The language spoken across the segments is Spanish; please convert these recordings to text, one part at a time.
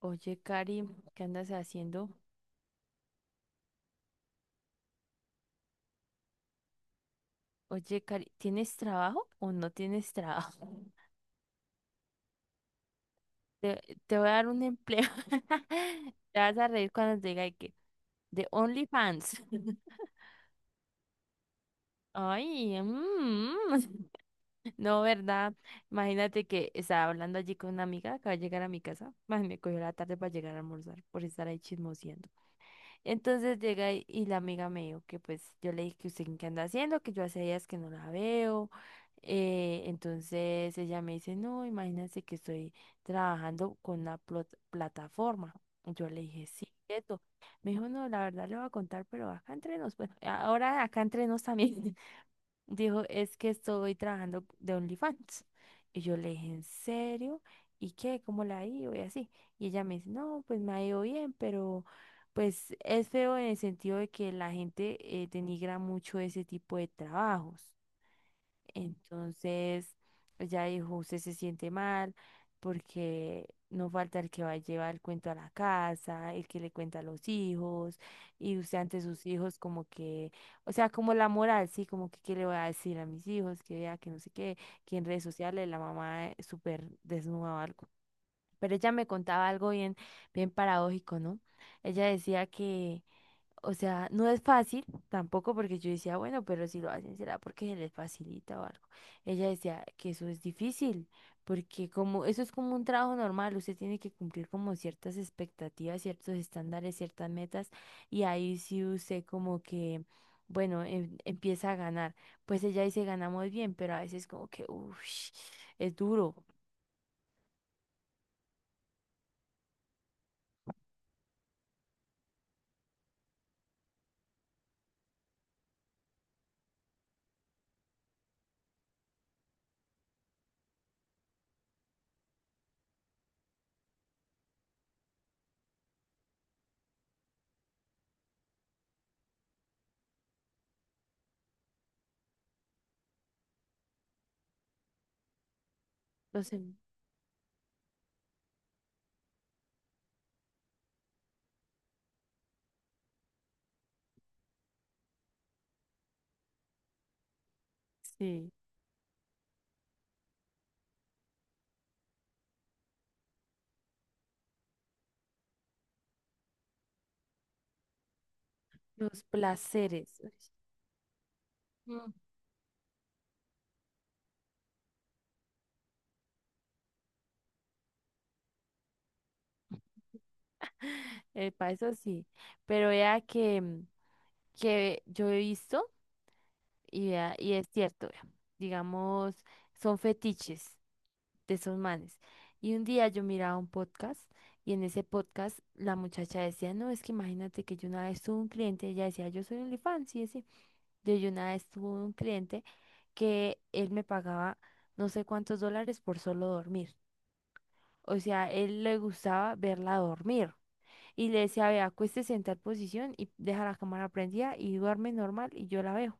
Oye, Cari, ¿qué andas haciendo? Oye, Cari, ¿tienes trabajo o no tienes trabajo? Te, te voy a dar un empleo. Te vas a reír cuando te diga de que de OnlyFans. Ay, mm. No, ¿verdad? Imagínate que estaba hablando allí con una amiga, acaba de llegar a mi casa. Más me cogió la tarde para llegar a almorzar por estar ahí chismoseando. Entonces llega y la amiga me dijo que pues yo le dije que usted qué anda haciendo, que yo hace días que no la veo. Entonces ella me dice, no, imagínense que estoy trabajando con una plataforma. Y yo le dije, sí, quieto. Me dijo, no, la verdad le voy a contar, pero acá entre nos, bueno, ahora acá entre nos también. Dijo, es que estoy trabajando de OnlyFans. Y yo le dije, ¿en serio? ¿Y qué? ¿Cómo la ha ido? Y así. Y ella me dice, no, pues me ha ido bien, pero pues es feo en el sentido de que la gente denigra mucho ese tipo de trabajos. Entonces, ella dijo, usted se siente mal porque no falta el que va a llevar el cuento a la casa, el que le cuenta a los hijos, y usted ante sus hijos como que, o sea, como la moral, sí, como que qué le voy a decir a mis hijos, que vea que no sé qué, que en redes sociales la mamá súper desnuda o algo. Pero ella me contaba algo bien, bien paradójico, ¿no? Ella decía que o sea, no es fácil tampoco porque yo decía, bueno, pero si lo hacen será porque se les facilita o algo. Ella decía que eso es difícil porque como eso es como un trabajo normal, usted tiene que cumplir como ciertas expectativas, ciertos estándares, ciertas metas y ahí sí usted como que, bueno, empieza a ganar. Pues ella dice, ganamos bien, pero a veces como que, uff, es duro. Los, em- sí, los placeres. Uy, mm, para eso sí. Pero vea que mm, que yo he visto y, vea, y es cierto, vea, digamos, son fetiches de esos manes. Y un día yo miraba un podcast y en ese podcast la muchacha decía, no, es que imagínate que yo una vez tuve un cliente, ella decía, yo soy OnlyFans, y sí. Yo una vez tuve un cliente que él me pagaba no sé cuántos dólares por solo dormir. O sea, él le gustaba verla dormir. Y le decía, vea, acuéstese en tal posición y deja la cámara prendida y duerme normal y yo la veo.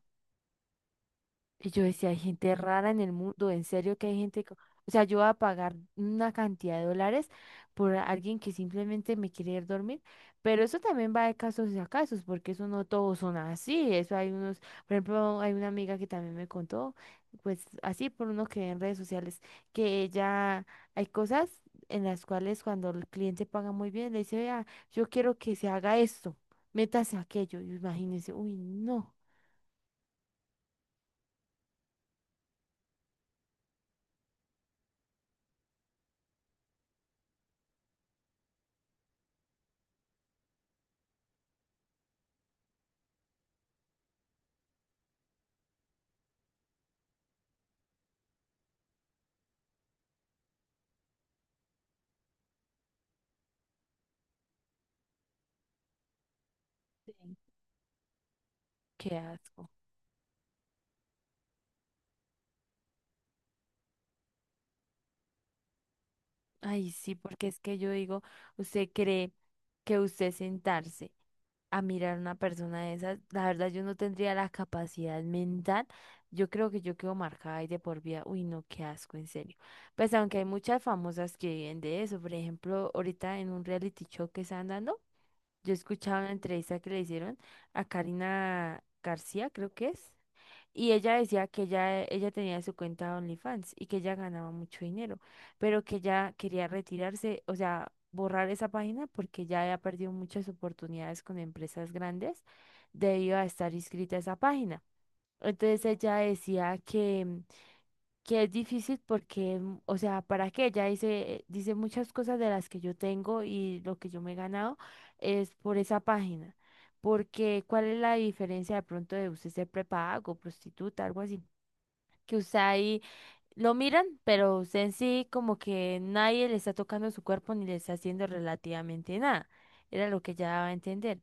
Y yo decía, hay gente rara en el mundo, en serio que hay gente, o sea, yo voy a pagar una cantidad de dólares por alguien que simplemente me quiere ir a dormir, pero eso también va de casos a casos, porque eso no todos son así, eso hay unos, por ejemplo, hay una amiga que también me contó, pues así por uno que ve en redes sociales, que ella, hay cosas en las cuales cuando el cliente paga muy bien, le dice, vea, yo quiero que se haga esto, métase aquello, y imagínense, uy, no, sí. Qué asco. Ay, sí, porque es que yo digo, usted cree que usted sentarse a mirar a una persona de esas, la verdad yo no tendría la capacidad mental, yo creo que yo quedo marcada y de por vida, uy, no, qué asco, en serio. Pues aunque hay muchas famosas que viven de eso, por ejemplo, ahorita en un reality show que están dando, yo escuchaba una entrevista que le hicieron a Karina García, creo que es. Y ella decía que ella tenía su cuenta de OnlyFans y que ella ganaba mucho dinero, pero que ella quería retirarse, o sea, borrar esa página porque ya había perdido muchas oportunidades con empresas grandes debido a estar inscrita a esa página. Entonces ella decía que, mm, que es difícil porque, mm, o sea, ¿para qué? Ella dice, dice muchas cosas de las que yo tengo y lo que yo me he ganado es por esa página. Porque, ¿cuál es la diferencia de pronto de usted ser prepago, prostituta, algo así? Que usted ahí lo miran, pero en sí como que nadie le está tocando su cuerpo ni le está haciendo relativamente nada. Era lo que ella daba a entender.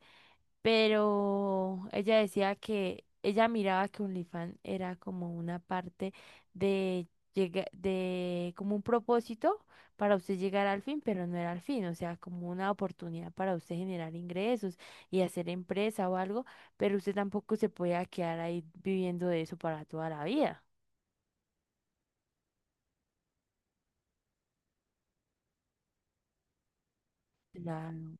Pero ella decía que ella miraba que OnlyFans era como una parte de, de como un propósito para usted llegar al fin, pero no era al fin, o sea, como una oportunidad para usted generar ingresos y hacer empresa o algo, pero usted tampoco se podía quedar ahí viviendo de eso para toda la vida. Claro.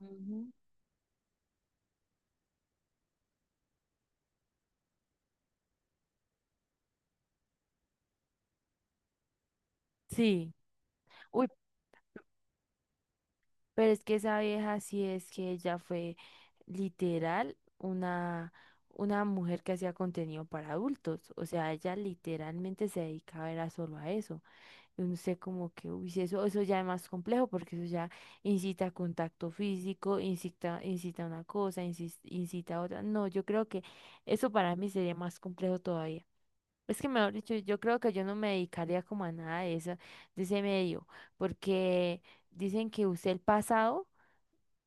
Ujú. Sí, uy, pero es que esa vieja sí es que ella fue literal una mujer que hacía contenido para adultos, o sea, ella literalmente se dedicaba era solo a eso, y uno sé como que, uy, si eso, eso ya es más complejo porque eso ya incita a contacto físico, incita, incita a una cosa, incita a otra, no, yo creo que eso para mí sería más complejo todavía. Es que mejor dicho, yo creo que yo no me dedicaría como a nada de eso, de ese medio, porque dicen que usted el pasado,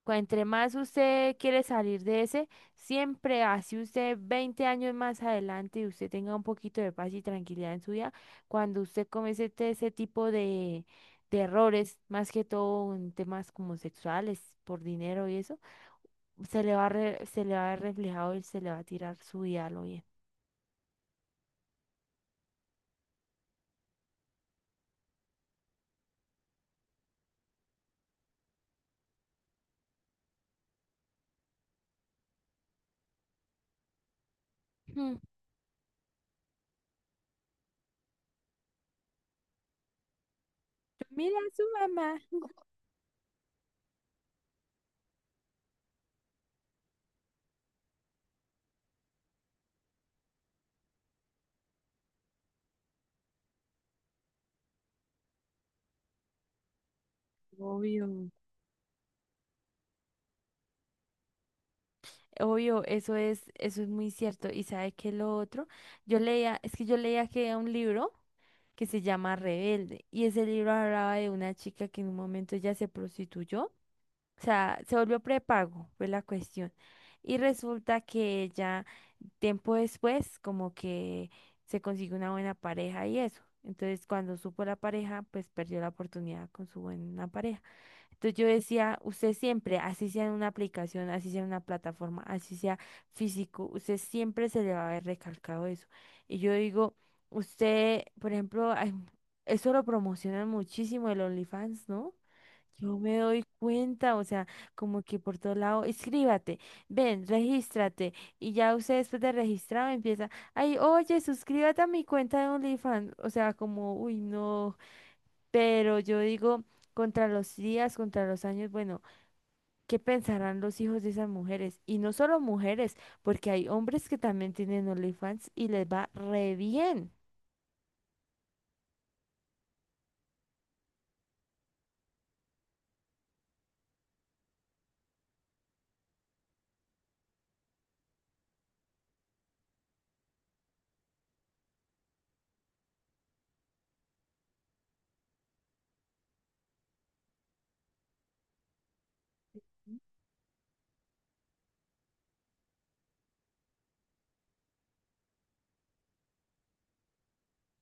entre más usted quiere salir de ese, siempre así usted 20 años más adelante y usted tenga un poquito de paz y tranquilidad en su vida, cuando usted comete ese tipo de errores, más que todo en temas como sexuales, por dinero y eso, se le va a se le va a ver reflejado y se le va a tirar su vida a lo bien. Mm. Obvio. Obvio, eso es muy cierto. ¿Y sabe qué es lo otro? Yo leía, es que yo leía que era un libro que se llama Rebelde, y ese libro hablaba de una chica que en un momento ya se prostituyó, o sea, se volvió prepago, fue la cuestión. Y resulta que ella, tiempo después, como que se consiguió una buena pareja y eso. Entonces, cuando supo la pareja, pues perdió la oportunidad con su buena pareja. Entonces yo decía, usted siempre, así sea en una aplicación, así sea en una plataforma, así sea físico, usted siempre se le va a haber recalcado eso. Y yo digo, usted, por ejemplo, ay, eso lo promocionan muchísimo el OnlyFans, ¿no? Yo me doy cuenta, o sea, como que por todo lado, escríbate, ven, regístrate. Y ya usted después de registrado empieza, ay, oye, suscríbete a mi cuenta de OnlyFans. O sea, como, uy, no. Pero yo digo, contra los días, contra los años, bueno, ¿qué pensarán los hijos de esas mujeres? Y no solo mujeres, porque hay hombres que también tienen OnlyFans y les va re bien.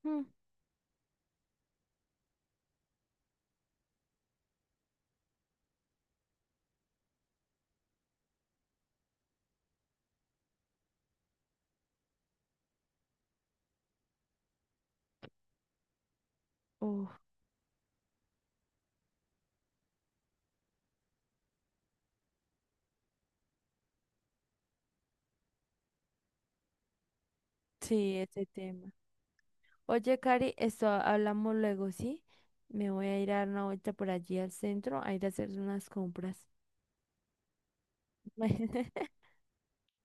Mm. Uf, sí, ese tema. Oye, Cari, esto hablamos luego, ¿sí? Me voy a ir a dar una vuelta por allí al centro a ir a hacer unas compras.